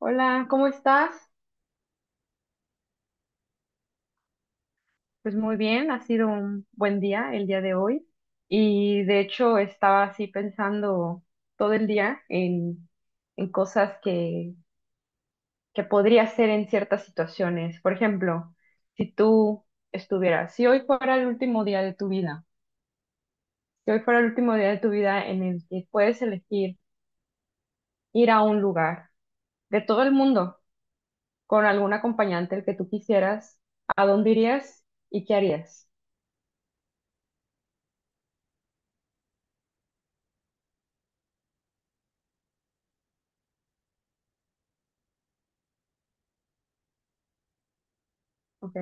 Hola, ¿cómo estás? Pues muy bien, ha sido un buen día el día de hoy y de hecho estaba así pensando todo el día en cosas que podría hacer en ciertas situaciones. Por ejemplo, si tú estuvieras, si hoy fuera el último día de tu vida, si hoy fuera el último día de tu vida en el que puedes elegir ir a un lugar de todo el mundo con algún acompañante el que tú quisieras, ¿a dónde irías y qué harías? ¿Ok?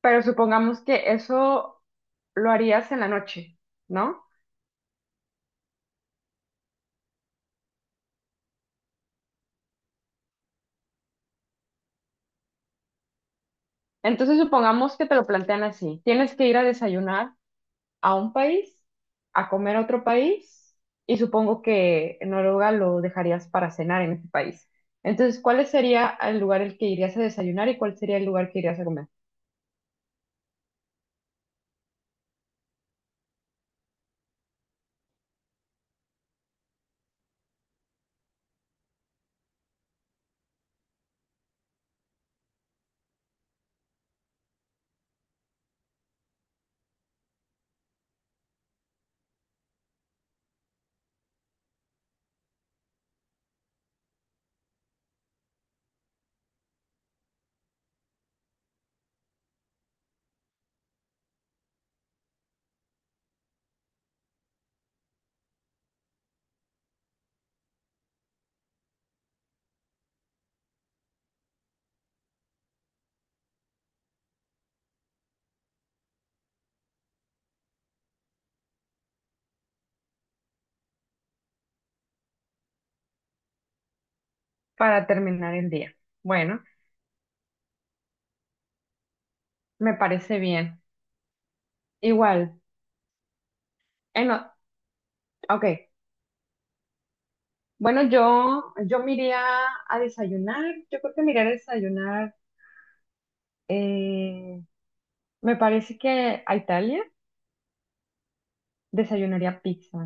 Pero supongamos que eso lo harías en la noche, ¿no? Entonces supongamos que te lo plantean así. Tienes que ir a desayunar a un país, a comer a otro país, y supongo que en Noruega lo dejarías para cenar en ese país. Entonces, ¿cuál sería el lugar el que irías a desayunar y cuál sería el lugar que irías a comer para terminar el día? Bueno, me parece bien. Igual, en, o- ok. Bueno, yo me iría a desayunar. Yo creo que me iría a desayunar. Eh, Me parece que a Italia desayunaría pizza.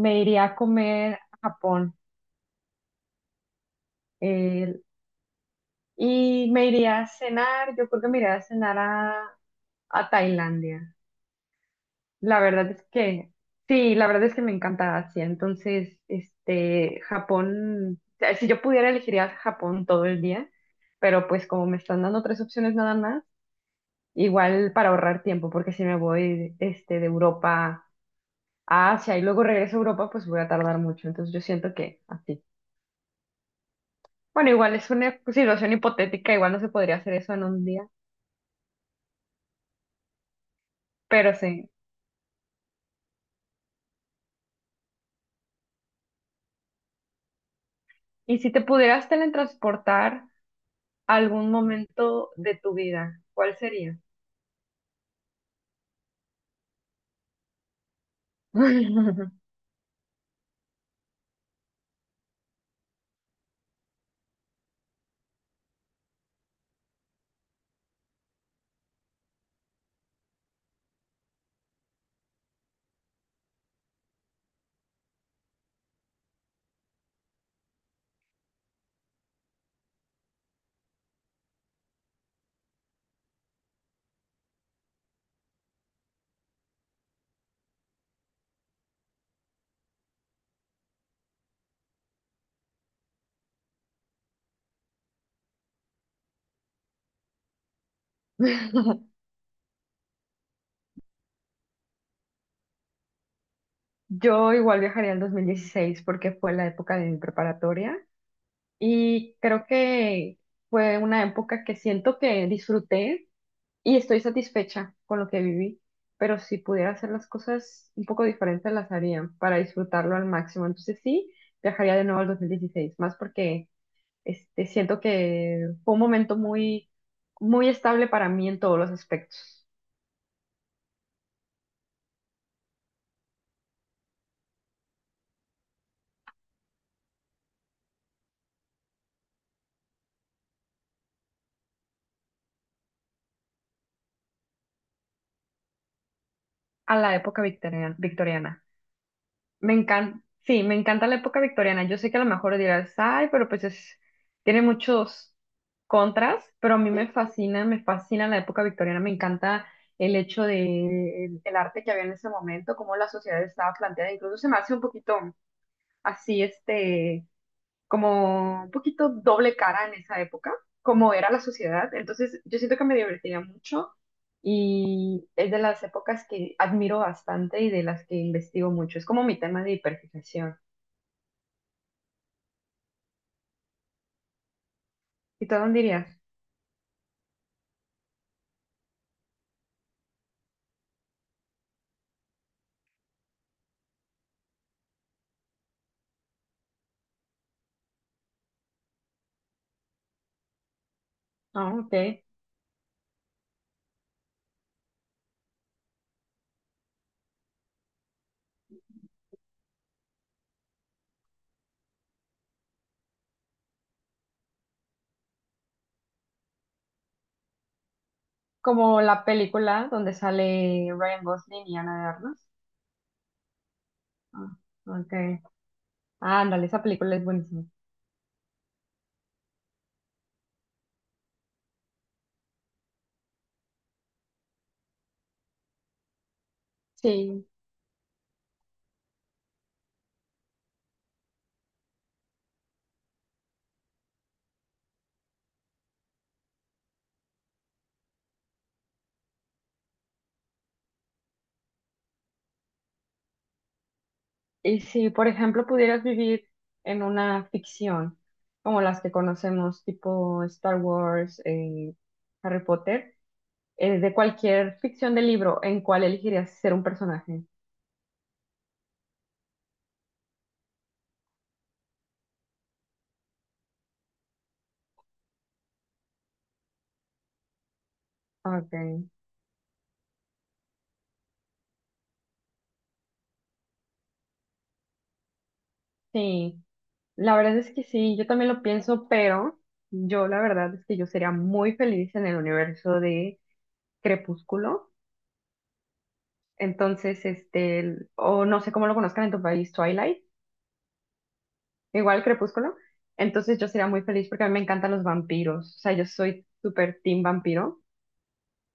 Me iría a comer a Japón. eh, y me iría a cenar, yo creo que me iría a cenar a Tailandia. La verdad es que, sí, la verdad es que me encanta Asia. Entonces, este, Japón, o sea, si yo pudiera elegiría Japón todo el día, pero pues como me están dando tres opciones nada más, igual para ahorrar tiempo, porque si me voy este, de Europa a Asia y luego regreso a Europa, pues voy a tardar mucho. Entonces yo siento que así. Bueno, igual es una situación hipotética, igual no se podría hacer eso en un día, pero sí. Y si te pudieras teletransportar a algún momento de tu vida, ¿cuál sería? Yo igual viajaría al 2016 porque fue la época de mi preparatoria y creo que fue una época que siento que disfruté y estoy satisfecha con lo que viví, pero si pudiera hacer las cosas un poco diferentes, las haría para disfrutarlo al máximo. Entonces sí, viajaría de nuevo al 2016, más porque este, siento que fue un momento muy, muy estable para mí en todos los aspectos, a la época victoriana, victoriana. Me encanta, sí, me encanta la época victoriana. Yo sé que a lo mejor dirás, ay, pero pues es, tiene muchos contras, pero a mí me fascina la época victoriana. Me encanta el hecho de el arte que había en ese momento, cómo la sociedad estaba planteada. Incluso se me hace un poquito así, este, como un poquito doble cara en esa época, como era la sociedad. Entonces, yo siento que me divertiría mucho. Y es de las épocas que admiro bastante y de las que investigo mucho. Es como mi tema de hiperfijación. ¿Y tú a dónde irías? Ah, ok. Como la película donde sale Ryan Gosling y Ana de Armas. Ah, ok. Ah, ándale, esa película es buenísima. Sí. Y si, por ejemplo, pudieras vivir en una ficción, como las que conocemos, tipo Star Wars, Harry Potter, de cualquier ficción de libro, ¿en cuál elegirías ser un personaje? Ok. Sí. La verdad es que sí, yo también lo pienso, pero yo la verdad es que yo sería muy feliz en el universo de Crepúsculo. Entonces, este, el- o no sé cómo lo conozcan en tu país, Twilight, igual Crepúsculo. Entonces yo sería muy feliz porque a mí me encantan los vampiros. O sea, yo soy súper team vampiro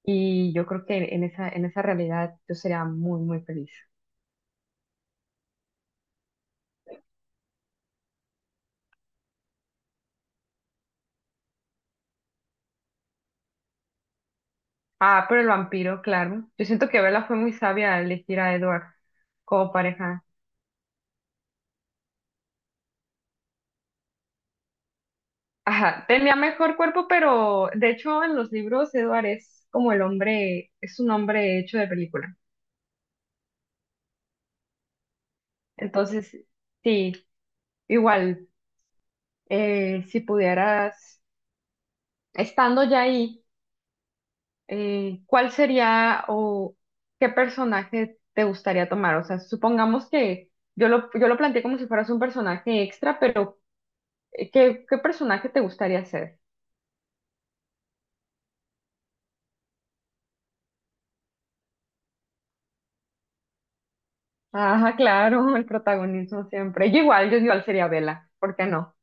y yo creo que en en esa realidad yo sería muy, muy feliz. Ah, pero el vampiro, claro. Yo siento que Bella fue muy sabia al elegir a Edward como pareja. Ajá, tenía mejor cuerpo, pero de hecho en los libros Edward es como el hombre, es un hombre hecho de película. Entonces, sí, igual, si pudieras, estando ya ahí, ¿cuál sería o qué personaje te gustaría tomar? O sea, supongamos que yo lo planteé como si fueras un personaje extra, pero ¿qué, qué personaje te gustaría ser? Ajá, claro, el protagonismo siempre. Yo igual sería Bella, ¿por qué no?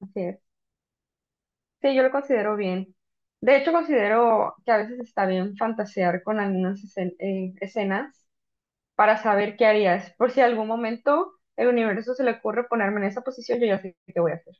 Así es. Sí, yo lo considero bien. De hecho, considero que a veces está bien fantasear con algunas escenas para saber qué harías. Por si algún momento el universo se le ocurre ponerme en esa posición, yo ya sé qué voy a hacer.